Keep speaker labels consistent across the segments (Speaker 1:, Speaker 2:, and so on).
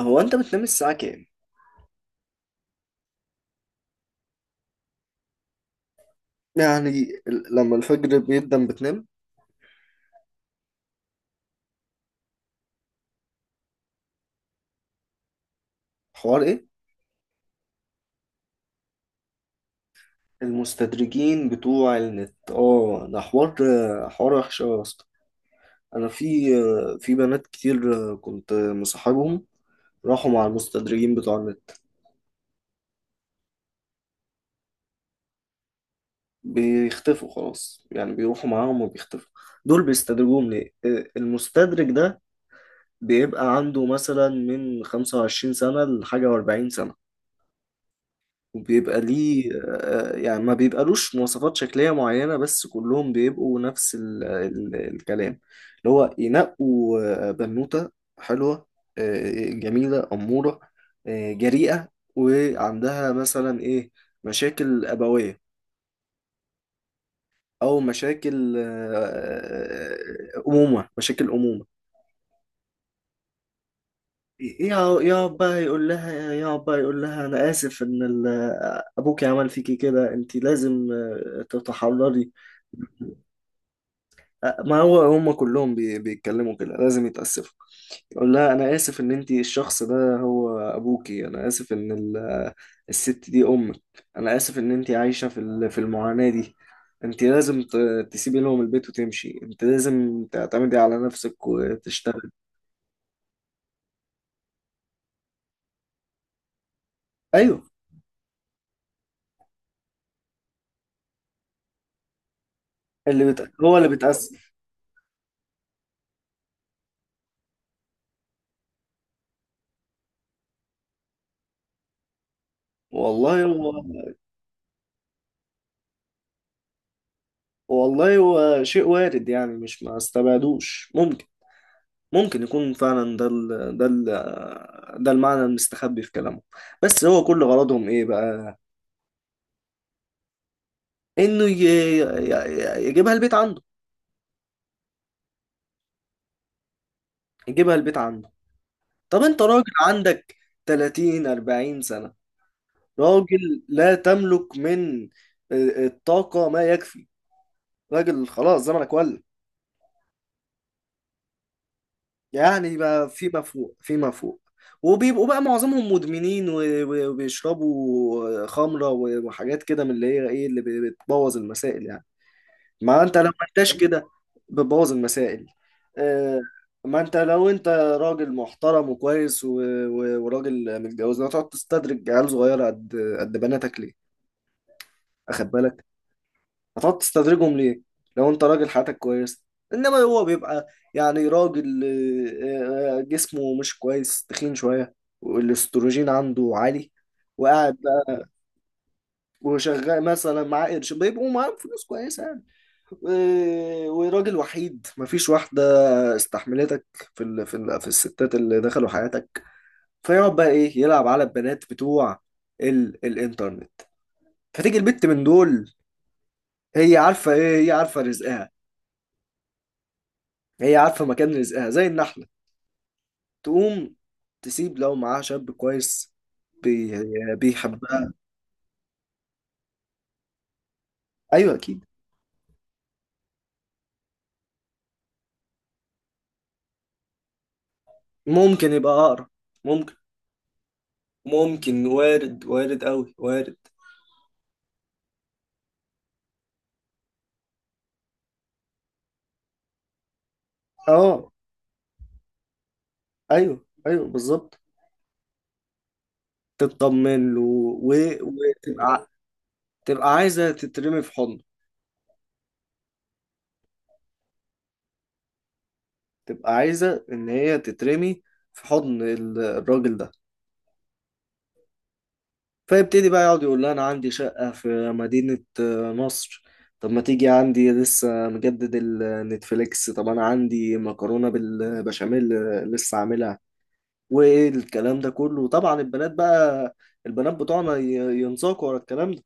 Speaker 1: هو انت بتنام الساعة كام؟ يعني لما الفجر بيقدم بتنام. حوار ايه؟ المستدرجين بتوع النت، ده حوار. حوار وحش أوي يا اسطى. انا في بنات كتير كنت مصاحبهم، راحوا مع المستدرجين بتوع النت، بيختفوا خلاص، يعني بيروحوا معاهم وبيختفوا. دول بيستدرجوهم ليه؟ المستدرج ده بيبقى عنده مثلا من 25 سنة لحاجة و40 سنة. وبيبقى ليه، يعني ما بيبقالوش مواصفات شكلية معينة، بس كلهم بيبقوا نفس ال الكلام، اللي هو ينقوا بنوتة حلوة، جميلة أمورة، جريئة، وعندها مثلا إيه، مشاكل أبوية أو مشاكل أمومة. يا أبا يقول لها، يا أبا يقول لها أنا آسف إن أبوكي عمل فيكي كده، أنت لازم تتحرري. ما هو هم كلهم بيتكلموا كده، لازم يتأسفوا. يقول لها انا اسف ان انتي الشخص ده هو ابوكي، انا اسف ان الست دي امك، انا اسف ان انتي عايشة في المعاناة دي، انتي لازم تسيبي لهم البيت وتمشي، انت لازم تعتمدي على نفسك وتشتغل. ايوه. هو اللي بيتأسف. والله هو. والله هو شيء وارد يعني، مش ما استبعدوش، ممكن يكون فعلا ده المعنى المستخبي في كلامه. بس هو كل غرضهم ايه بقى؟ انه يجيبها البيت عنده. يجيبها البيت عنده. طب انت راجل عندك 30 40 سنة، راجل لا تملك من الطاقة ما يكفي، راجل خلاص زمنك ولى، يعني بقى فيما فوق فيما فوق. وبيبقوا بقى معظمهم مدمنين وبيشربوا خمرة وحاجات كده من اللي هي ايه اللي بتبوظ المسائل يعني. ما انت لو ما انتش كده بتبوظ المسائل. آه، ما انت لو انت راجل محترم وكويس وراجل متجوز، لا تقعد تستدرج عيال صغيره قد بناتك ليه؟ اخد بالك؟ هتقعد تستدرجهم ليه لو انت راجل حياتك كويس؟ انما هو بيبقى يعني راجل، جسمه مش كويس، تخين شويه والاستروجين عنده عالي، وقاعد بقى وشغال مثلا معاه قرش، بيبقوا معاهم فلوس كويسه يعني، وراجل وحيد مفيش واحدة استحملتك في الستات اللي دخلوا حياتك. فيقعد بقى ايه يلعب على البنات بتوع الانترنت. فتيجي البت من دول، هي عارفة رزقها، هي عارفة مكان رزقها زي النحلة، تقوم تسيب لو معاها شاب كويس بي... بيحبها. ايوه اكيد. ممكن يبقى اقرب. ممكن. ممكن وارد، وارد قوي، وارد. اه ايوه، ايوه، بالظبط. تطمن له و... وتبقى، تبقى عايزة تترمي في حضنه، تبقى عايزة إن هي تترمي في حضن الراجل ده. فيبتدي بقى يقعد يقول لها أنا عندي شقة في مدينة مصر، طب ما تيجي عندي لسه مجدد النتفليكس، طب أنا عندي مكرونة بالبشاميل لسه عاملها، والكلام ده كله. طبعا البنات بقى، البنات بتوعنا ينساقوا ورا الكلام ده،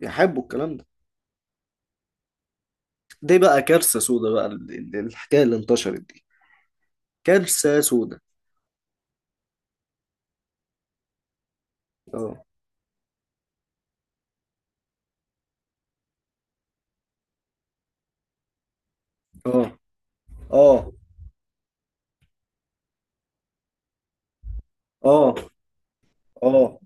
Speaker 1: يحبوا الكلام ده. دي بقى كارثة سودا بقى، الحكاية اللي انتشرت دي كبسة سودا. اه، اه، اه، اه، اه.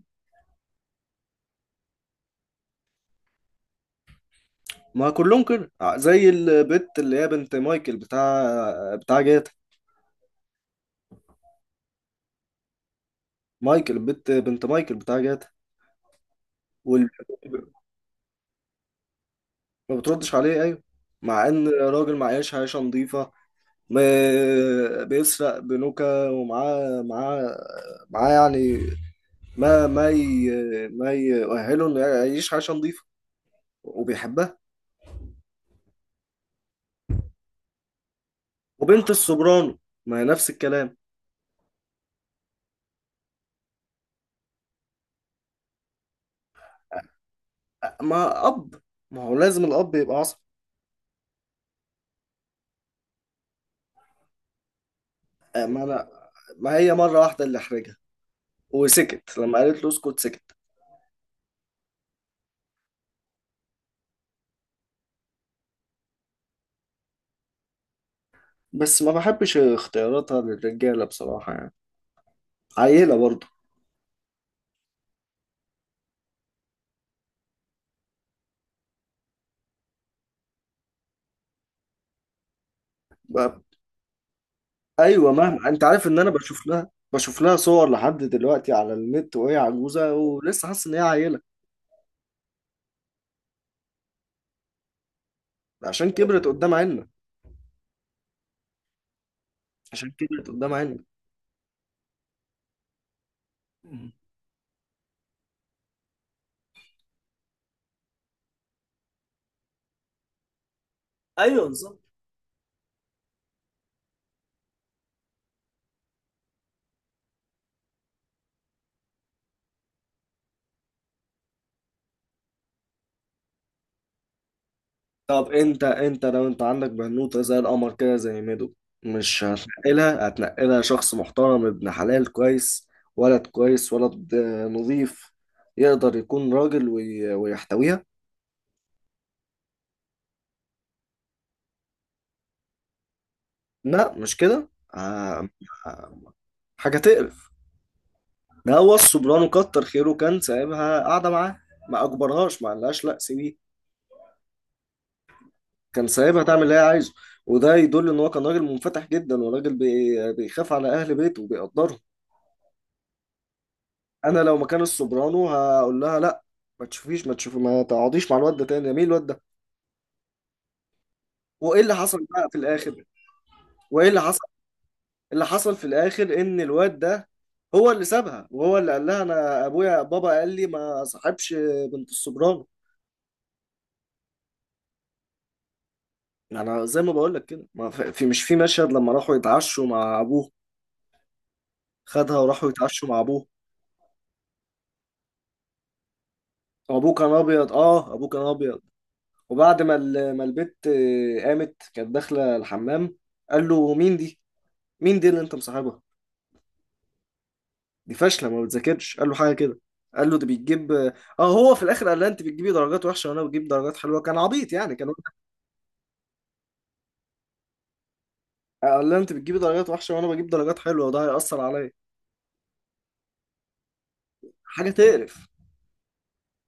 Speaker 1: ما كلهم كده، زي البت اللي هي بنت مايكل بتاع جاتا، مايكل بنت مايكل بتاع جاتا. واللي ما بتردش عليه ايوه. مع ان راجل معيش عيشة نظيفة، بيسرق بنوكة ومعاه، معاه يعني ما ما ي... ما يؤهله انه يعيش عيشة نظيفة. وبيحبها. وبنت السوبرانو ما هي نفس الكلام. ما اب ما هو لازم الاب يبقى عصبي. ما انا ما هي مره واحده اللي احرجها وسكت لما قالت له اسكت سكت. بس ما بحبش اختياراتها للرجاله بصراحه يعني. عيله برضه. ب- ايوه، مهما انت عارف ان انا بشوف لها صور لحد دلوقتي على النت وهي عجوزه ولسه حاسس ان هي عيله عشان كبرت قدام عيننا. عشان كبرت قدام عيننا. مم. ايوه بالظبط. طب انت انت لو انت عندك بنوتة زي القمر كده زي ميدو، مش هتنقلها؟ هتنقلها شخص محترم، ابن حلال كويس، ولد كويس، ولد نظيف، يقدر يكون راجل ويحتويها. لا مش كده. آه، آه، حاجة تقرف. ده هو الصبران كتر خيره كان سايبها قاعدة معاه، ما أجبرهاش، ما قالهاش لا سيبيه، كان سايبها تعمل اللي هي عايزه، وده يدل إن هو كان راجل منفتح جدا، وراجل بيخاف على أهل بيته وبيقدرهم. انا لو مكان السوبرانو هقول لها لا، ما تشوفي، ما تقعديش مع الواد ده تاني. يا مين الواد ده؟ وايه اللي حصل بقى في الاخر؟ وايه اللي حصل؟ اللي حصل في الاخر ان الواد ده هو اللي سابها وهو اللي قال لها انا ابويا بابا قال لي ما صاحبش بنت السوبرانو. انا زي ما بقول لك كده، ما في في- مش في مشهد لما راحوا يتعشوا مع ابوه، خدها وراحوا يتعشوا مع ابوه، ابوه كان ابيض. اه. ابوه كان ابيض. وبعد ما ما البت قامت كانت داخله الحمام، قال له مين دي، مين دي اللي انت مصاحبها؟ دي فاشله، ما بتذاكرش، قال له حاجه كده، قال له ده بيجيب اه. هو في الاخر قال لها انت بتجيبي درجات وحشه وانا بجيب درجات حلوه، كان عبيط يعني كان. قال لها انت بتجيبي درجات وحشه وانا بجيب درجات حلوه وده هيأثر عليا. حاجه تقرف.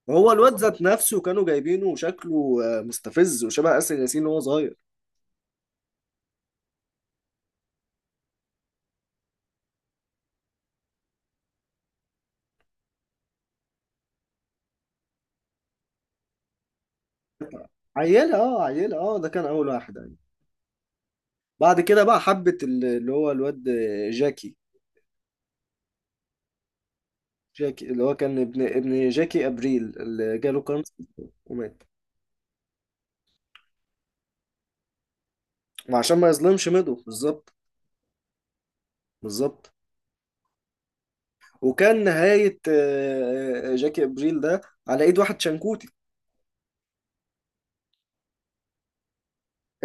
Speaker 1: وهو الواد ذات نفسه كانوا جايبينه وشكله مستفز وشبه آسر ياسين وهو صغير. عيله، عيله، ده كان اول واحد يعني. بعد كده بقى حبت اللي هو الواد جاكي. جاكي اللي هو كان ابن جاكي ابريل اللي جاله كانسر ومات، وعشان ما يظلمش ميدو بالظبط. بالظبط. وكان نهاية جاكي ابريل ده على ايد واحد شنكوتي،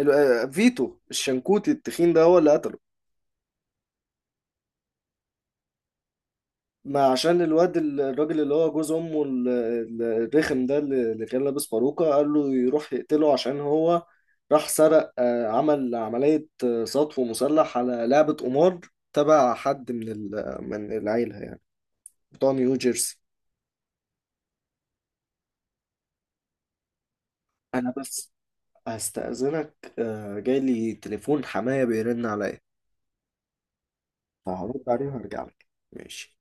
Speaker 1: فيتو الشنكوتي التخين ده هو اللي قتله. ما عشان الواد الراجل اللي هو جوز امه الرخم ده اللي كان لابس باروكة قال له يروح يقتله عشان هو راح سرق آه، عمل عملية سطو مسلح على لعبة قمار تبع حد من من العيلة يعني، بتوع نيو جيرسي. انا بس هستأذنك، جاي لي تليفون حماية بيرن عليا، فهرد عليه وهرجع لك. ماشي.